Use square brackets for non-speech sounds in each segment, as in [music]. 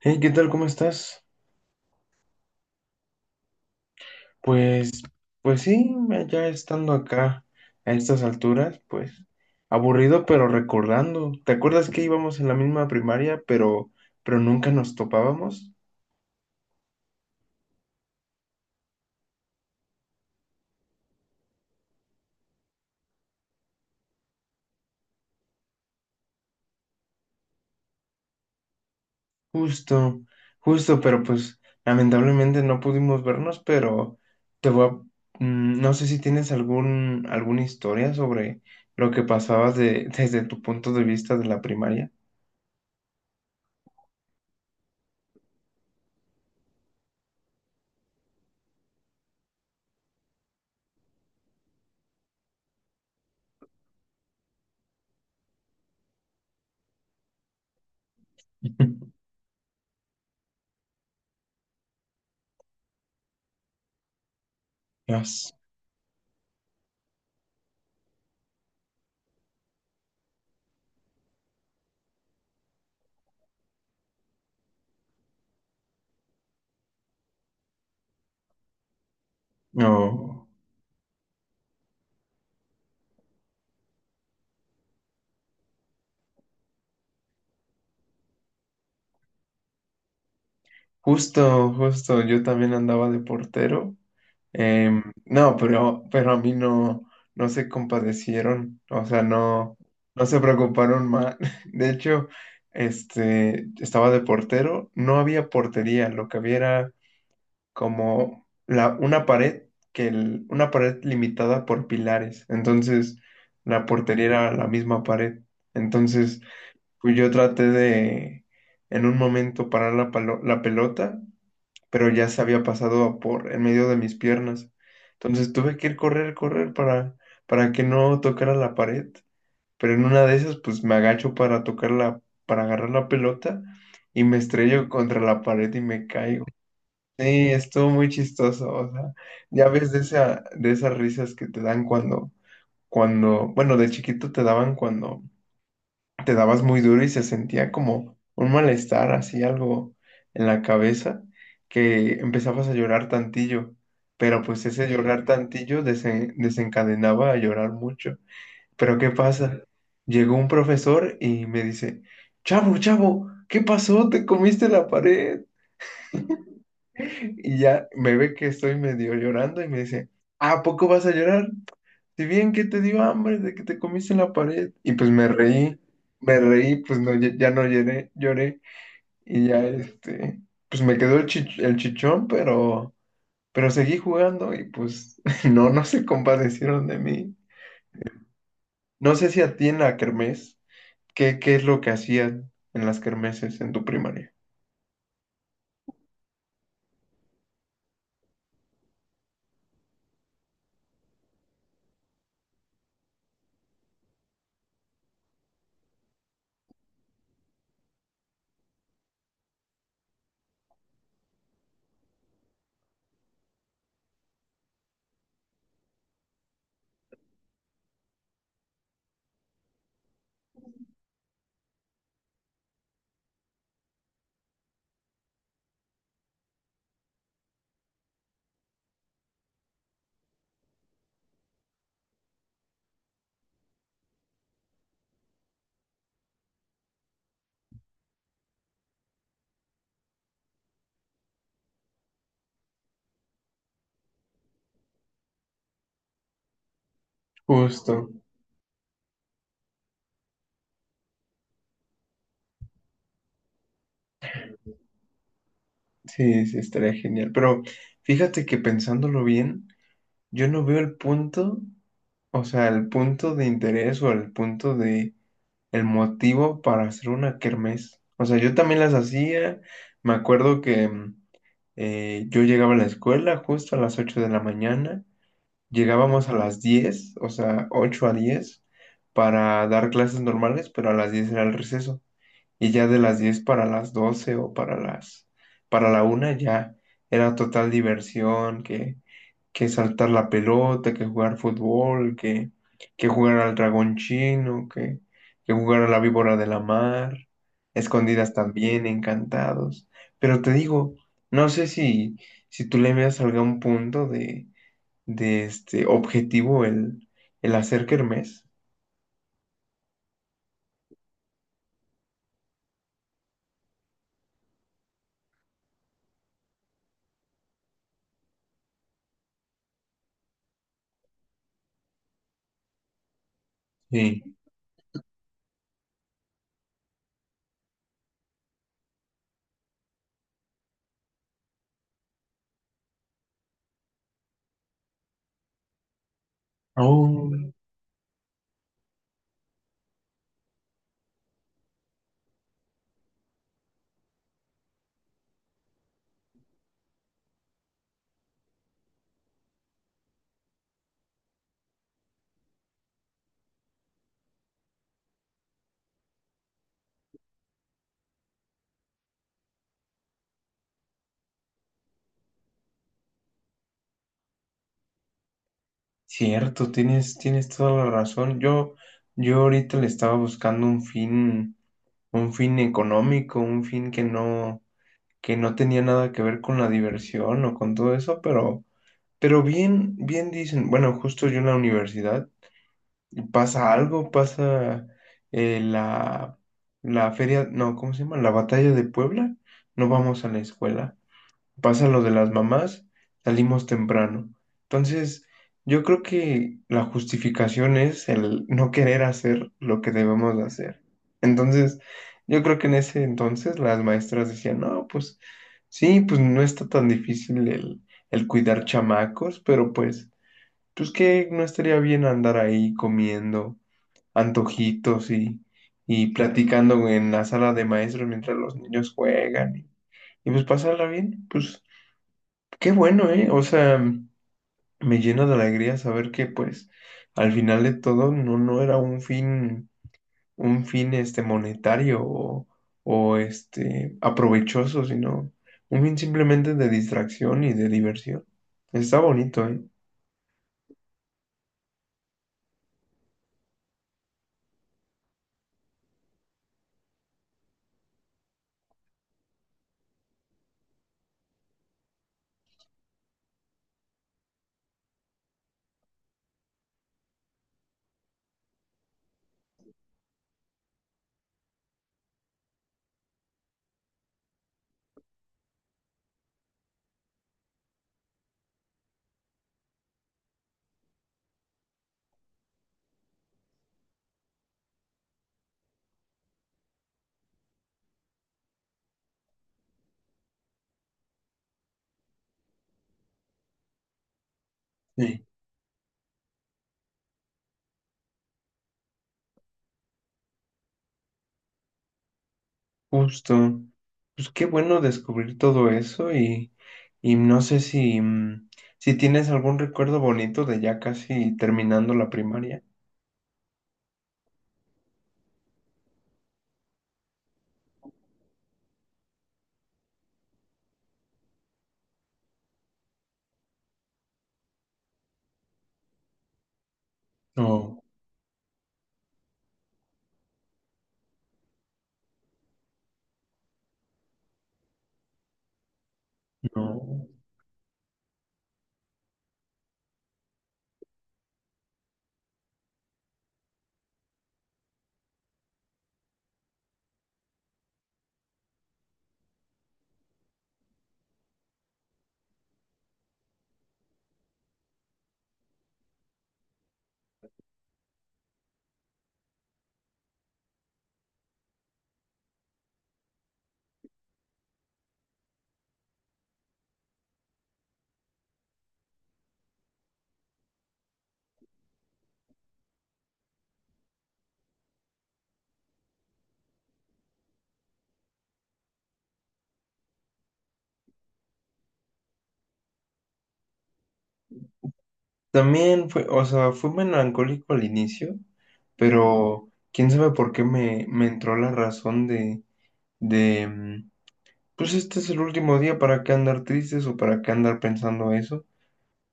Hey, ¿qué tal? ¿Cómo estás? Pues, pues sí, ya estando acá a estas alturas, pues aburrido, pero recordando. ¿Te acuerdas que íbamos en la misma primaria, pero nunca nos topábamos? Justo, justo, pero pues lamentablemente no pudimos vernos, pero te voy a, mm, no sé si tienes alguna historia sobre lo que pasabas [laughs] desde tu punto de vista de la primaria. [laughs] Dios. No, justo, justo, yo también andaba de portero. No, pero a mí no, no se compadecieron, o sea, no, no se preocuparon más. [laughs] De hecho, estaba de portero, no había portería, lo que había era como una pared, que una pared limitada por pilares. Entonces, la portería era la misma pared. Entonces, pues yo traté de, en un momento, parar la pelota, pero ya se había pasado por en medio de mis piernas. Entonces tuve que ir correr para que no tocara la pared. Pero en una de esas, pues me agacho para para agarrar la pelota y me estrello contra la pared y me caigo. Sí, estuvo muy chistoso. O sea, ya ves de esas risas que te dan cuando, bueno, de chiquito te daban cuando te dabas muy duro y se sentía como un malestar, así algo en la cabeza, que empezabas a llorar tantillo, pero pues ese llorar tantillo desencadenaba a llorar mucho. Pero ¿qué pasa? Llegó un profesor y me dice, chavo, chavo, ¿qué pasó? ¿Te comiste la pared? Y ya me ve que estoy medio llorando y me dice, ¿a poco vas a llorar? Si bien que te dio hambre de que te comiste en la pared. Y pues me reí, pues no, ya no lloré, lloré. Y ya pues me quedó el chichón, pero seguí jugando y pues [laughs] no, no se compadecieron de mí. No sé si a ti en la kermés, ¿qué es lo que hacían en las kermeses en tu primaria? Justo, sí, sí, estaría genial. Pero fíjate que pensándolo bien, yo no veo el punto, o sea, el punto de interés o el punto de el motivo para hacer una kermés. O sea, yo también las hacía. Me acuerdo que yo llegaba a la escuela justo a las 8 de la mañana. Llegábamos a las 10, o sea, 8 a 10 para dar clases normales, pero a las 10 era el receso. Y ya de las 10 para las 12 o para la 1 ya era total diversión, que saltar la pelota, que jugar fútbol, que jugar al dragón chino, que jugar a la víbora de la mar, escondidas también, encantados. Pero te digo, no sé si, si tú le veas algún punto de este objetivo el hacer kermés. Sí. Oh, cierto, tienes toda la razón. Yo ahorita le estaba buscando un fin económico, un fin que no tenía nada que ver con la diversión o con todo eso, pero bien, bien dicen, bueno, justo yo en la universidad pasa eh, la, la feria, no, ¿cómo se llama? La batalla de Puebla, no vamos a la escuela, pasa lo de las mamás, salimos temprano. Entonces, yo creo que la justificación es el no querer hacer lo que debemos de hacer. Entonces, yo creo que en ese entonces las maestras decían, no, pues sí, pues no está tan difícil el cuidar chamacos, pero pues que no estaría bien andar ahí comiendo antojitos y platicando en la sala de maestros mientras los niños juegan y pues pasarla bien, pues. Qué bueno, ¿eh? O sea, me llena de alegría saber que, pues, al final de todo no, no era un fin, monetario o, aprovechoso, sino un fin simplemente de distracción y de diversión. Está bonito, ¿eh? Sí. Justo. Pues qué bueno descubrir todo eso y no sé si tienes algún recuerdo bonito de ya casi terminando la primaria. No, no. También fue, o sea, fue melancólico al inicio, pero quién sabe por qué me entró la razón de, mm, pues este es el último día, ¿para qué andar tristes o para qué andar pensando eso?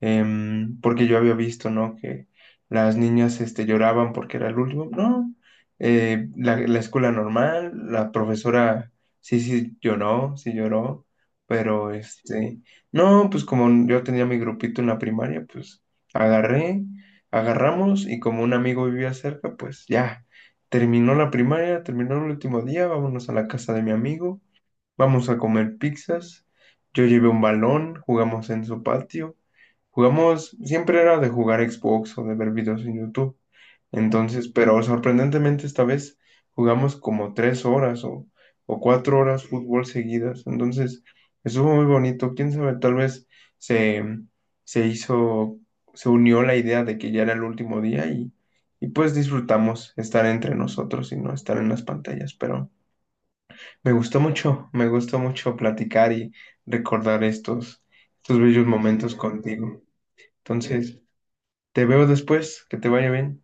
Porque yo había visto, ¿no? Que las niñas lloraban porque era el último. No, la escuela normal, la profesora sí, sí lloró, pero no, pues como yo tenía mi grupito en la primaria, pues agarré, agarramos y como un amigo vivía cerca, pues ya. Terminó la primaria, terminó el último día, vámonos a la casa de mi amigo. Vamos a comer pizzas. Yo llevé un balón, jugamos en su patio. Jugamos, siempre era de jugar Xbox o de ver videos en YouTube. Entonces, pero sorprendentemente esta vez jugamos como 3 horas o 4 horas fútbol seguidas. Entonces, estuvo muy bonito. Quién sabe, tal vez se, se hizo, se unió la idea de que ya era el último día y pues disfrutamos estar entre nosotros y no estar en las pantallas. Pero. Me gustó mucho platicar y recordar estos bellos momentos contigo. Entonces, te veo después, que te vaya bien.